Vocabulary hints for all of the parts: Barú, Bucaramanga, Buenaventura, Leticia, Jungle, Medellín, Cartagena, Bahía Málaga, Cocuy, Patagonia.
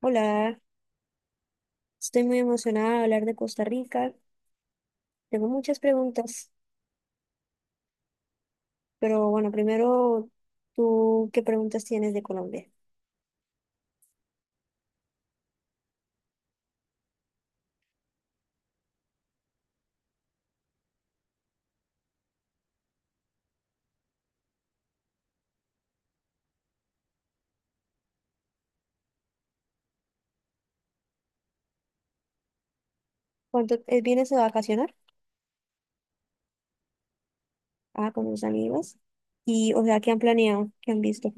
Hola, estoy muy emocionada de hablar de Costa Rica. Tengo muchas preguntas, pero bueno, primero, ¿tú qué preguntas tienes de Colombia? ¿Cuánto vienes a vacacionar? Ah, con tus amigos. Y, o sea, ¿qué han planeado? ¿Qué han visto?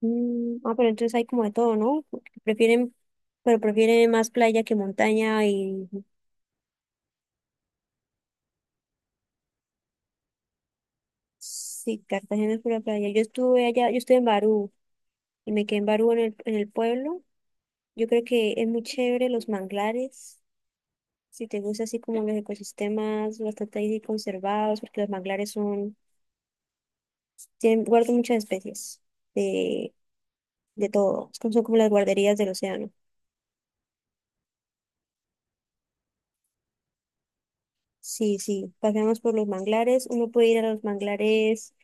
Mm, ah, pero entonces hay como de todo, ¿no? Prefieren, prefieren más playa que montaña y sí, Cartagena es pura playa. Yo estuve allá, yo estuve en Barú y me quedé en Barú en el pueblo. Yo creo que es muy chévere los manglares. Si te gusta así como los ecosistemas bastante ahí conservados, porque los manglares son, tienen, guardan muchas especies de, de todo. Es como- son como las guarderías del océano. Sí, sí, paseamos por los manglares. Uno puede ir a los manglares,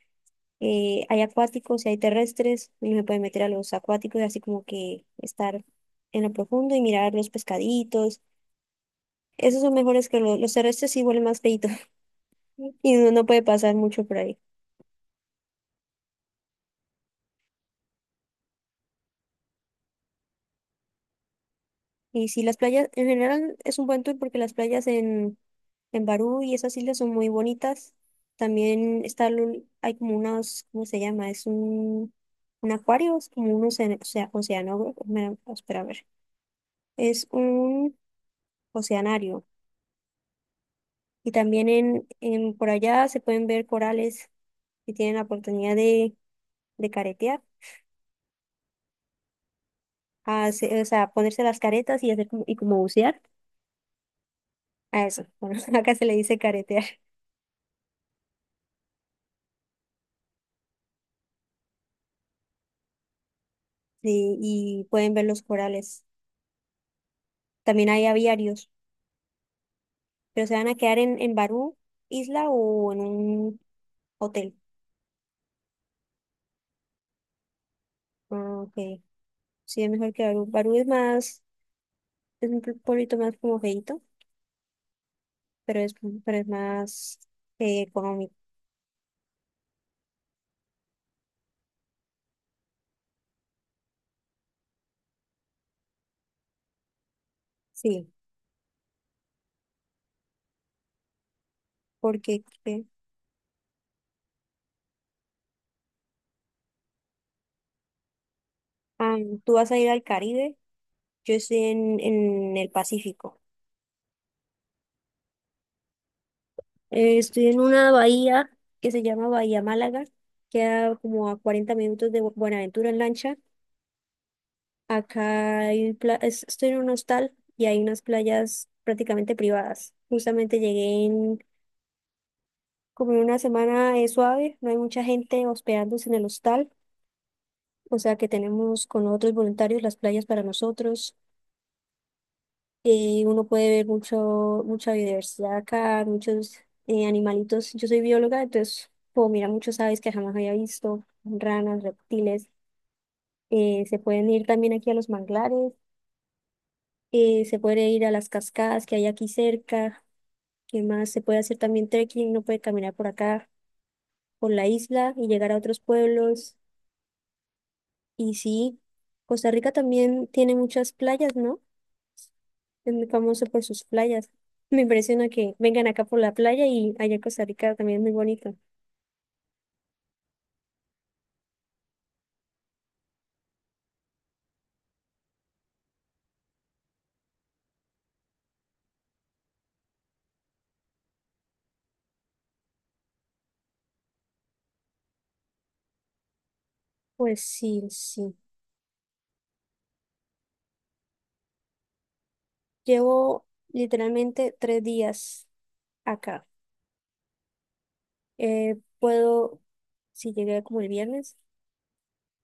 hay acuáticos y hay terrestres. Uno se puede meter a los acuáticos, así como que estar en lo profundo y mirar los pescaditos. Esos son mejores que los terrestres, sí huelen más feitos y uno no puede pasar mucho por ahí. Y sí, las playas en general es un buen tour porque las playas en Barú y esas islas son muy bonitas. También está, el- hay como unos, ¿cómo se llama? Es un acuario, es como un océano, océano, espera a ver. Es un oceanario. Y también en por allá se pueden ver corales y tienen la oportunidad de caretear, hace- o sea, ponerse las caretas y hacer como, y como bucear. A eso, bueno, acá se le dice caretear. Sí, y pueden ver los corales. También hay aviarios, pero se van a quedar en Barú, isla o en un hotel. Ah, ok. Sí, es mejor que Barú. Barú es más, es un pueblito más como feíto, pero es, pero es más económico. Sí, porque ¿qué? Ah, tú vas a ir al Caribe, yo estoy en el Pacífico. Estoy en una bahía que se llama Bahía Málaga, queda como a 40 minutos de Bu- Buenaventura en lancha. Acá hay pla- es- estoy en un hostal y hay unas playas prácticamente privadas. Justamente llegué en como en una semana suave, no hay mucha gente hospedándose en el hostal, o sea que tenemos con otros voluntarios las playas para nosotros. Uno puede ver mucho, mucha biodiversidad acá, muchos animalitos. Yo soy bióloga, entonces puedo mirar muchos aves que jamás había visto, ranas, reptiles. Se pueden ir también aquí a los manglares, se puede ir a las cascadas que hay aquí cerca. ¿Qué más? Se puede hacer también trekking, uno puede caminar por acá, por la isla y llegar a otros pueblos. Y sí, Costa Rica también tiene muchas playas, ¿no? Es muy famoso por sus playas. Me impresiona que vengan acá por la playa y allá en Costa Rica también es muy bonito. Pues sí, sí. Llevo literalmente 3 días acá. Eh, puedo, si llegué como el viernes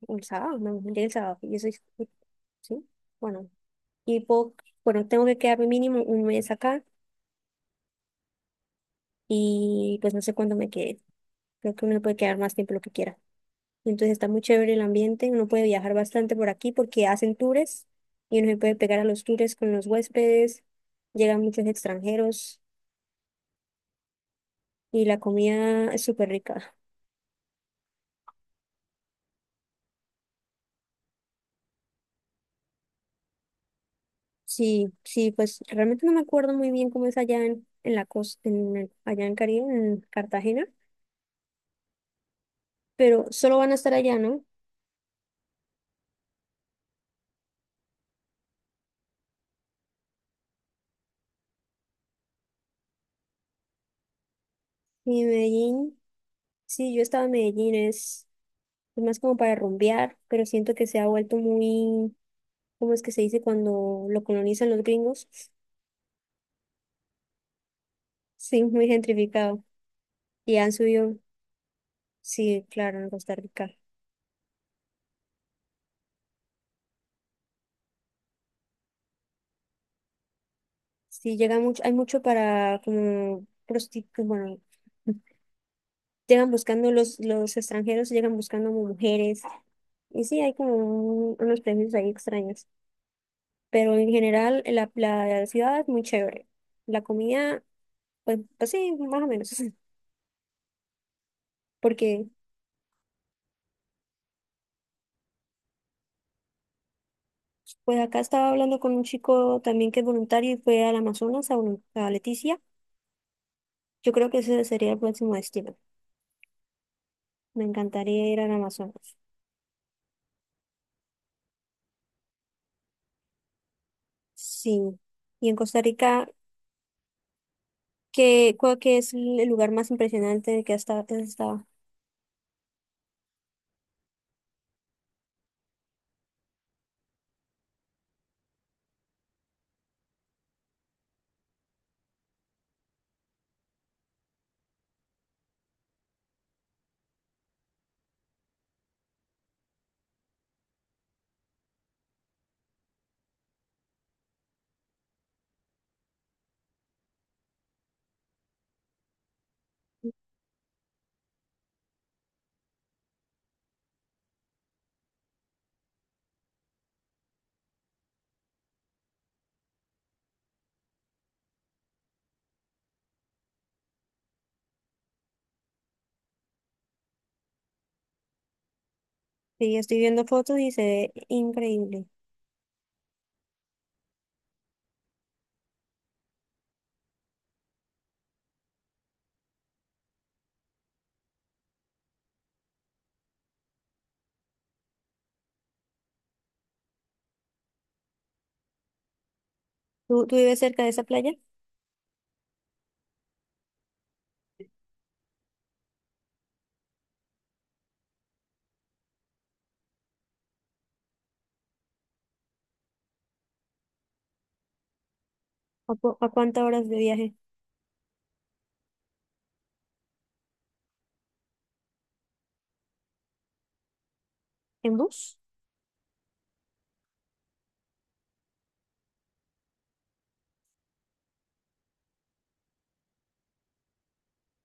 o el sábado, no, llegué el sábado. Yo soy, sí, bueno. Y tengo que quedarme mínimo 1 mes acá. Y pues no sé cuándo me quede. Creo que uno puede quedar más tiempo lo que quiera. Entonces está muy chévere el ambiente, uno puede viajar bastante por aquí porque hacen tours y uno se puede pegar a los tours con los huéspedes, llegan muchos extranjeros y la comida es súper rica. Sí, sí, pues realmente no me acuerdo muy bien cómo es allá en la costa, en, el- allá en Caribe, en Cartagena, pero solo van a estar allá, ¿no? Y en Medellín, sí, yo estaba en Medellín, es más como para rumbear, pero siento que se ha vuelto muy, ¿cómo es que se dice cuando lo colonizan los gringos? Sí, muy gentrificado. Y han subido, sí, claro, en Costa Rica. Sí, llega mucho, hay mucho para como prostitutas, bueno, llegan buscando los extranjeros, llegan buscando como mujeres. Y sí, hay como un- unos premios ahí extraños. Pero en general, la ciudad es muy chévere. La comida, pues, pues sí, más o menos. Porque pues acá estaba hablando con un chico también que es voluntario y fue al Amazonas, a, volun- a Leticia. Yo creo que ese sería el próximo destino. Me encantaría ir al Amazonas. Sí. Y en Costa Rica, ¿qué, cuál que es el lugar más impresionante que hasta has estado? Sí, estoy viendo fotos y se ve increíble. ¿Tú vives cerca de esa playa? ¿A, cu- a cuántas horas de viaje? ¿En bus?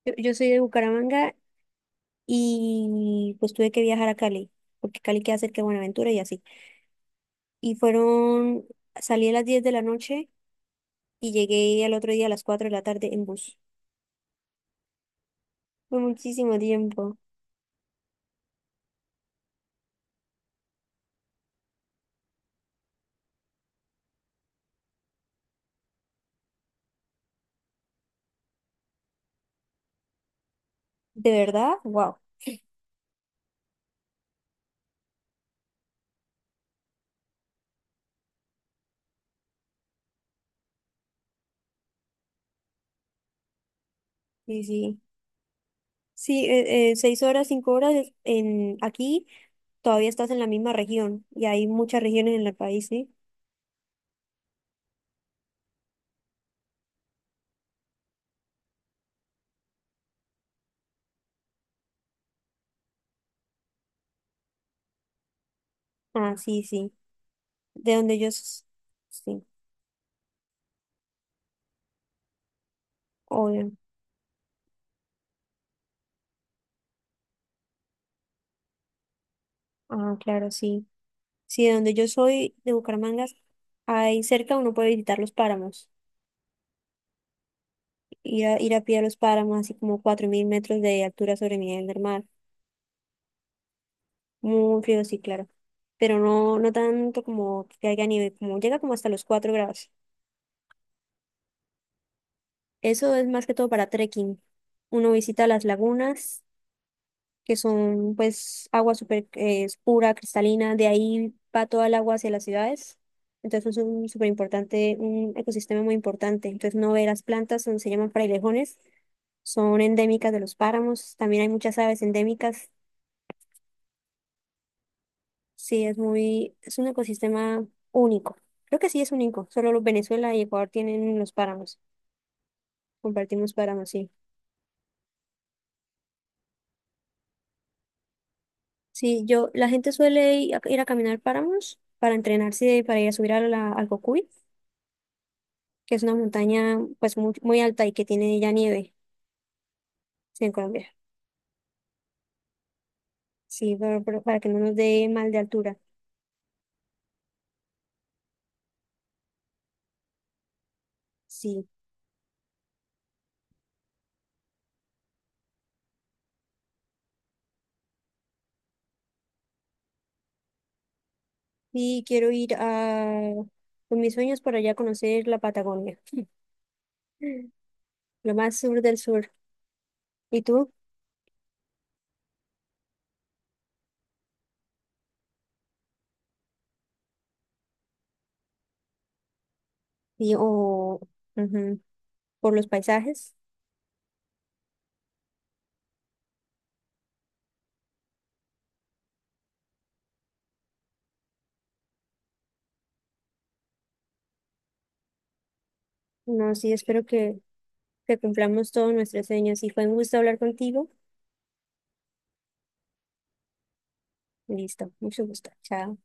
Yo soy de Bucaramanga y pues tuve que viajar a Cali, porque Cali queda cerca de Buenaventura y así. Y fueron, salí a las 10 de la noche y llegué al otro día a las 4 de la tarde en bus. Fue muchísimo tiempo. ¿De verdad? Wow. Sí, sí. Sí, 6 horas, 5 horas es- en aquí todavía estás en la misma región y hay muchas regiones en el país, ¿sí? Ah, sí, sí. De donde yo, s- sí, obvio. Ah, claro, sí. Sí, de donde yo soy, de Bucaramanga, ahí cerca uno puede visitar los páramos, ir a pie a los páramos, así como 4.000 metros de altura sobre el nivel del mar. Muy frío, sí, claro. Pero no, no tanto como que haya nieve, como llega como hasta los 4 grados. Eso es más que todo para trekking. Uno visita las lagunas, que son pues agua súper pura, cristalina, de ahí va toda el agua hacia las ciudades. Entonces es un súper importante, un ecosistema muy importante. Entonces no ve las plantas, son- se llaman frailejones, son endémicas de los páramos, también hay muchas aves endémicas. Sí, es muy, es un ecosistema único. Creo que sí es único, solo los Venezuela y Ecuador tienen los páramos. Compartimos páramos, sí. Sí, yo, la gente suele ir a, ir a caminar páramos para entrenarse, y para ir a subir a la, al Cocuy, que es una montaña pues muy, muy alta y que tiene ya nieve, sí, en Colombia. Sí, pero para que no nos dé mal de altura. Sí. Y quiero ir a, con mis sueños por allá a conocer la Patagonia, lo más sur del sur. ¿Y tú? Y, o, ujú, por los paisajes. No, sí, espero que cumplamos todos nuestros sueños. Y fue un gusto hablar contigo. Listo, mucho gusto. Chao.